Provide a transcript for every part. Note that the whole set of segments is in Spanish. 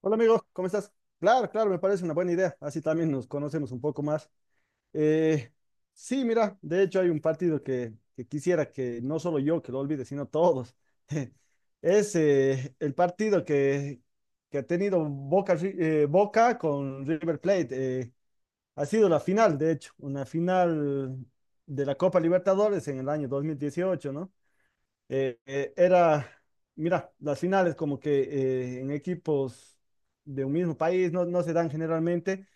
Hola amigo, ¿cómo estás? Claro, claro, me parece una buena idea. Así también nos conocemos un poco más. Eh, sí, mira, de hecho hay un partido que quisiera que no solo yo que lo olvide, sino todos. Es el partido que ha tenido Boca con River Plate. eh, ha sido la final, de hecho, una final de la Copa Libertadores en el año 2018, ¿no? Era, mira, las finales como que en equipos de un mismo país no se dan generalmente,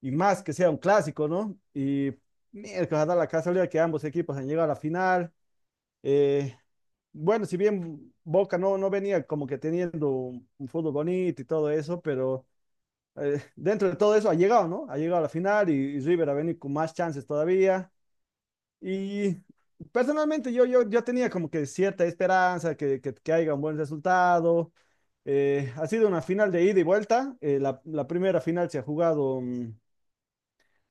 y más que sea un clásico, ¿no? Y miércoles da la casualidad que ambos equipos han llegado a la final. Eh, bueno, si bien Boca no venía como que teniendo un fútbol bonito y todo eso, pero dentro de todo eso ha llegado, ¿no? Ha llegado a la final y River ha venido con más chances todavía. Y personalmente yo tenía como que cierta esperanza que haya un buen resultado. Ha sido una final de ida y vuelta. La primera final se ha jugado,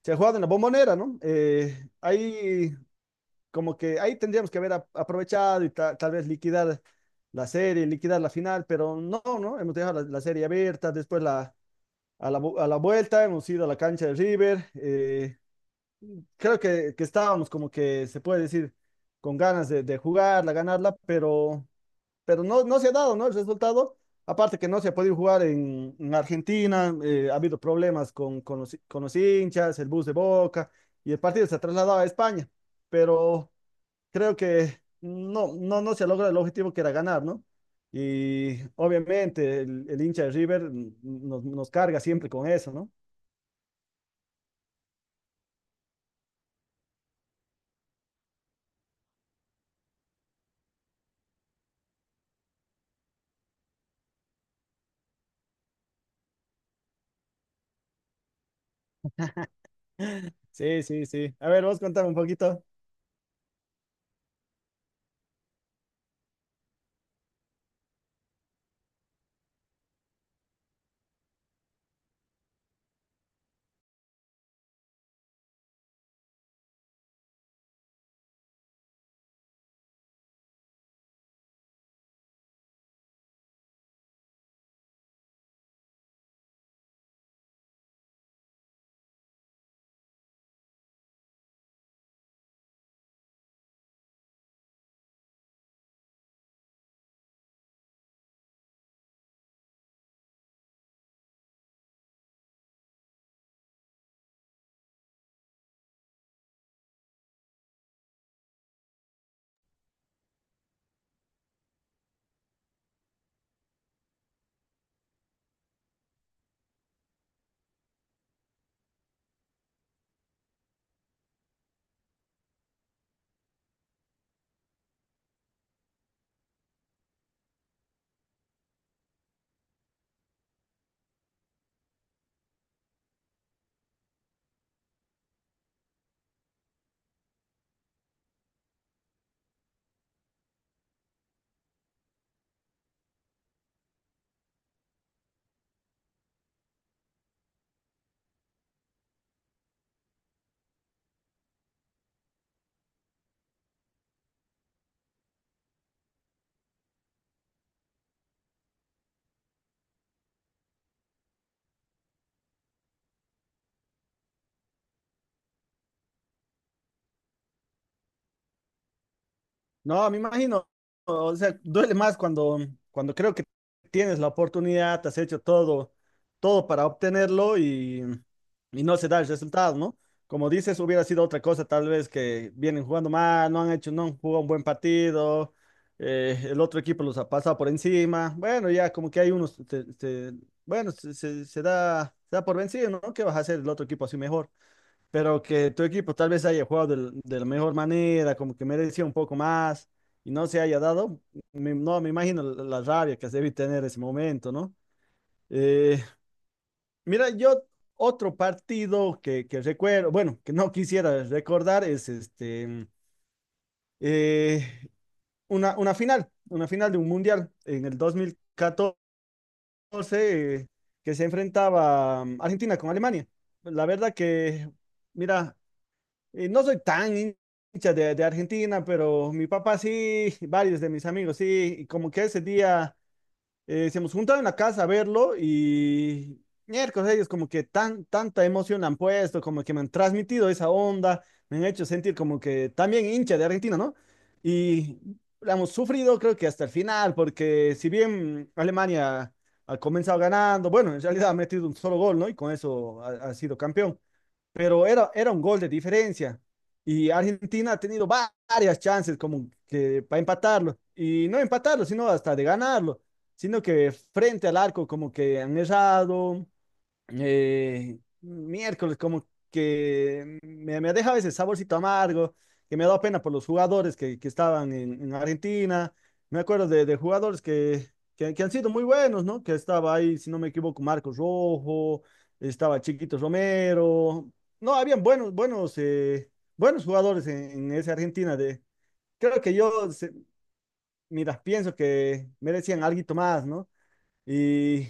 se ha jugado en la Bombonera, ¿no? Ahí como que ahí tendríamos que haber aprovechado y tal vez liquidar la serie, liquidar la final, pero no, ¿no? Hemos dejado la serie abierta, después la, a la, vu- a la vuelta hemos ido a la cancha de River. Creo que estábamos como que se puede decir con ganas de jugarla, ganarla, pero no se ha dado, ¿no? El resultado. Aparte que no se ha podido jugar en Argentina, ha habido problemas con los hinchas, el bus de Boca, y el partido se ha trasladado a España, pero creo que no se logra el objetivo que era ganar, ¿no? Y obviamente el hincha de River nos carga siempre con eso, ¿no? Sí, sí, sí. A ver, vos contame un poquito. No, me imagino, o sea, duele más cuando, cuando creo que tienes la oportunidad, te has hecho todo, todo para obtenerlo y no se da el resultado, ¿no? Como dices, hubiera sido otra cosa, tal vez que vienen jugando mal, no han hecho, no han jugado un buen partido, el otro equipo los ha pasado por encima, bueno, ya como que hay unos, bueno, se da por vencido, ¿no? ¿Qué vas a hacer el otro equipo así mejor? Pero que tu equipo tal vez haya jugado de la mejor manera, como que merecía un poco más y no se haya dado, no, me imagino la rabia que se debe tener ese momento, ¿no? Eh, mira, yo otro partido que recuerdo, bueno, que no quisiera recordar es este, eh, una final de un mundial en el 2014 eh, que se enfrentaba Argentina con Alemania. La verdad que, mira, no soy tan hincha de Argentina, pero mi papá sí, varios de mis amigos sí, y como que ese día se nos juntaron en la casa a verlo y miércoles ellos como que tanta emoción han puesto, como que me han transmitido esa onda, me han hecho sentir como que también hincha de Argentina, ¿no? Y la hemos sufrido creo que hasta el final, porque si bien Alemania ha comenzado ganando, bueno, en realidad ha metido un solo gol, ¿no? Y con eso ha sido campeón, pero era un gol de diferencia. Y Argentina ha tenido varias chances como que para empatarlo. Y no empatarlo, sino hasta de ganarlo. Sino que frente al arco como que han errado, miércoles, como que me deja a veces saborcito amargo, que me ha dado pena por los jugadores que estaban en Argentina. Me acuerdo de jugadores que han sido muy buenos, ¿no? Que estaba ahí, si no me equivoco, Marcos Rojo, estaba Chiquito Romero. No, habían buenos, buenos, buenos jugadores en esa Argentina de. Creo que yo, mira, pienso que merecían algo más, ¿no? Y,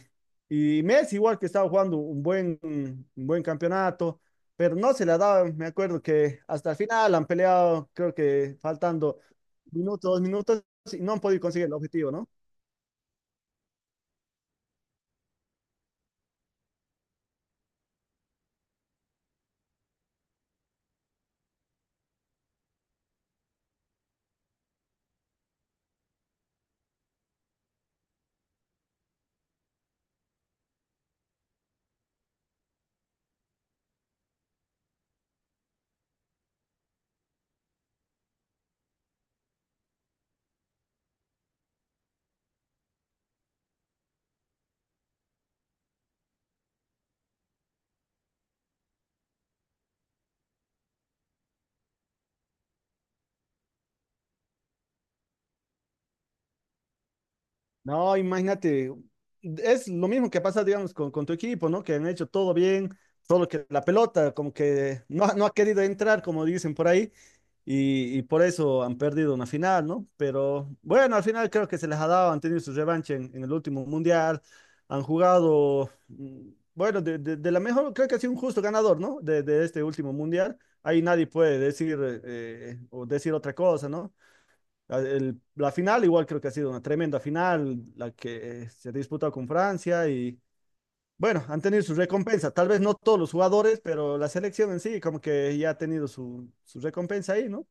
y Messi igual que estaba jugando un buen campeonato, pero no se le ha dado, me acuerdo que hasta el final han peleado, creo que faltando minutos, dos minutos, y no han podido conseguir el objetivo, ¿no? No, imagínate, es lo mismo que pasa, digamos, con tu equipo, ¿no? Que han hecho todo bien, solo que la pelota como que no, no ha querido entrar, como dicen por ahí, y por eso han perdido una final, ¿no? Pero bueno, al final creo que se les ha dado, han tenido su revancha en el último mundial, han jugado, bueno, de la mejor, creo que ha sido un justo ganador, ¿no? De este último mundial. Ahí nadie puede decir, o decir otra cosa, ¿no? La final igual creo que ha sido una tremenda final, la que se ha disputado con Francia y bueno, han tenido su recompensa. Tal vez no todos los jugadores, pero la selección en sí como que ya ha tenido su recompensa ahí, ¿no?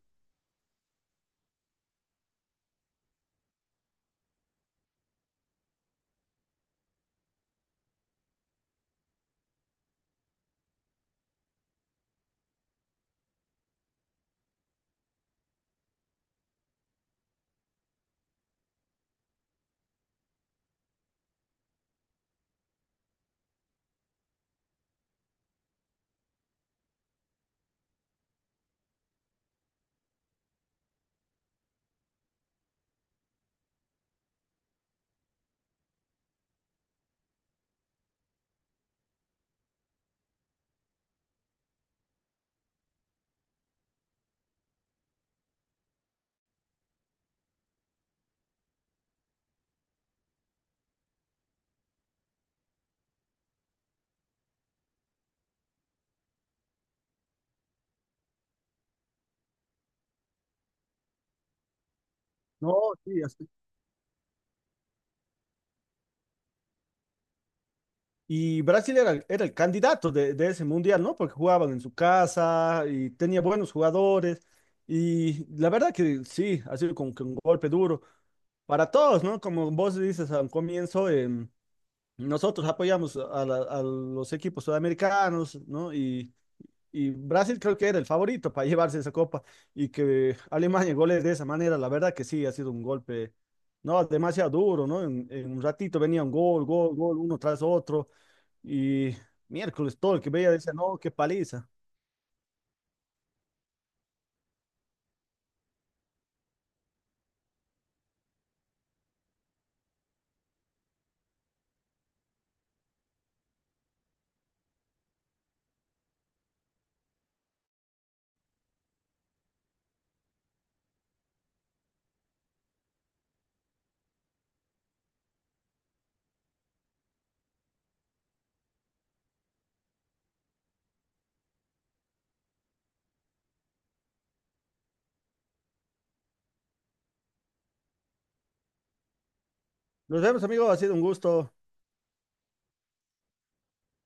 No, sí, así. Y Brasil era, era el candidato de ese mundial, ¿no? Porque jugaban en su casa y tenía buenos jugadores. Y la verdad que sí, ha sido como que un golpe duro para todos, ¿no? Como vos dices al comienzo, nosotros apoyamos a, a los equipos sudamericanos, ¿no? Y Brasil creo que era el favorito para llevarse esa copa y que Alemania goles de esa manera, la verdad que sí, ha sido un golpe, ¿no? Demasiado duro, ¿no? En un ratito venía un gol, gol, gol, uno tras otro y miércoles todo el que veía decía, no, qué paliza. Nos vemos, amigos, ha sido un gusto.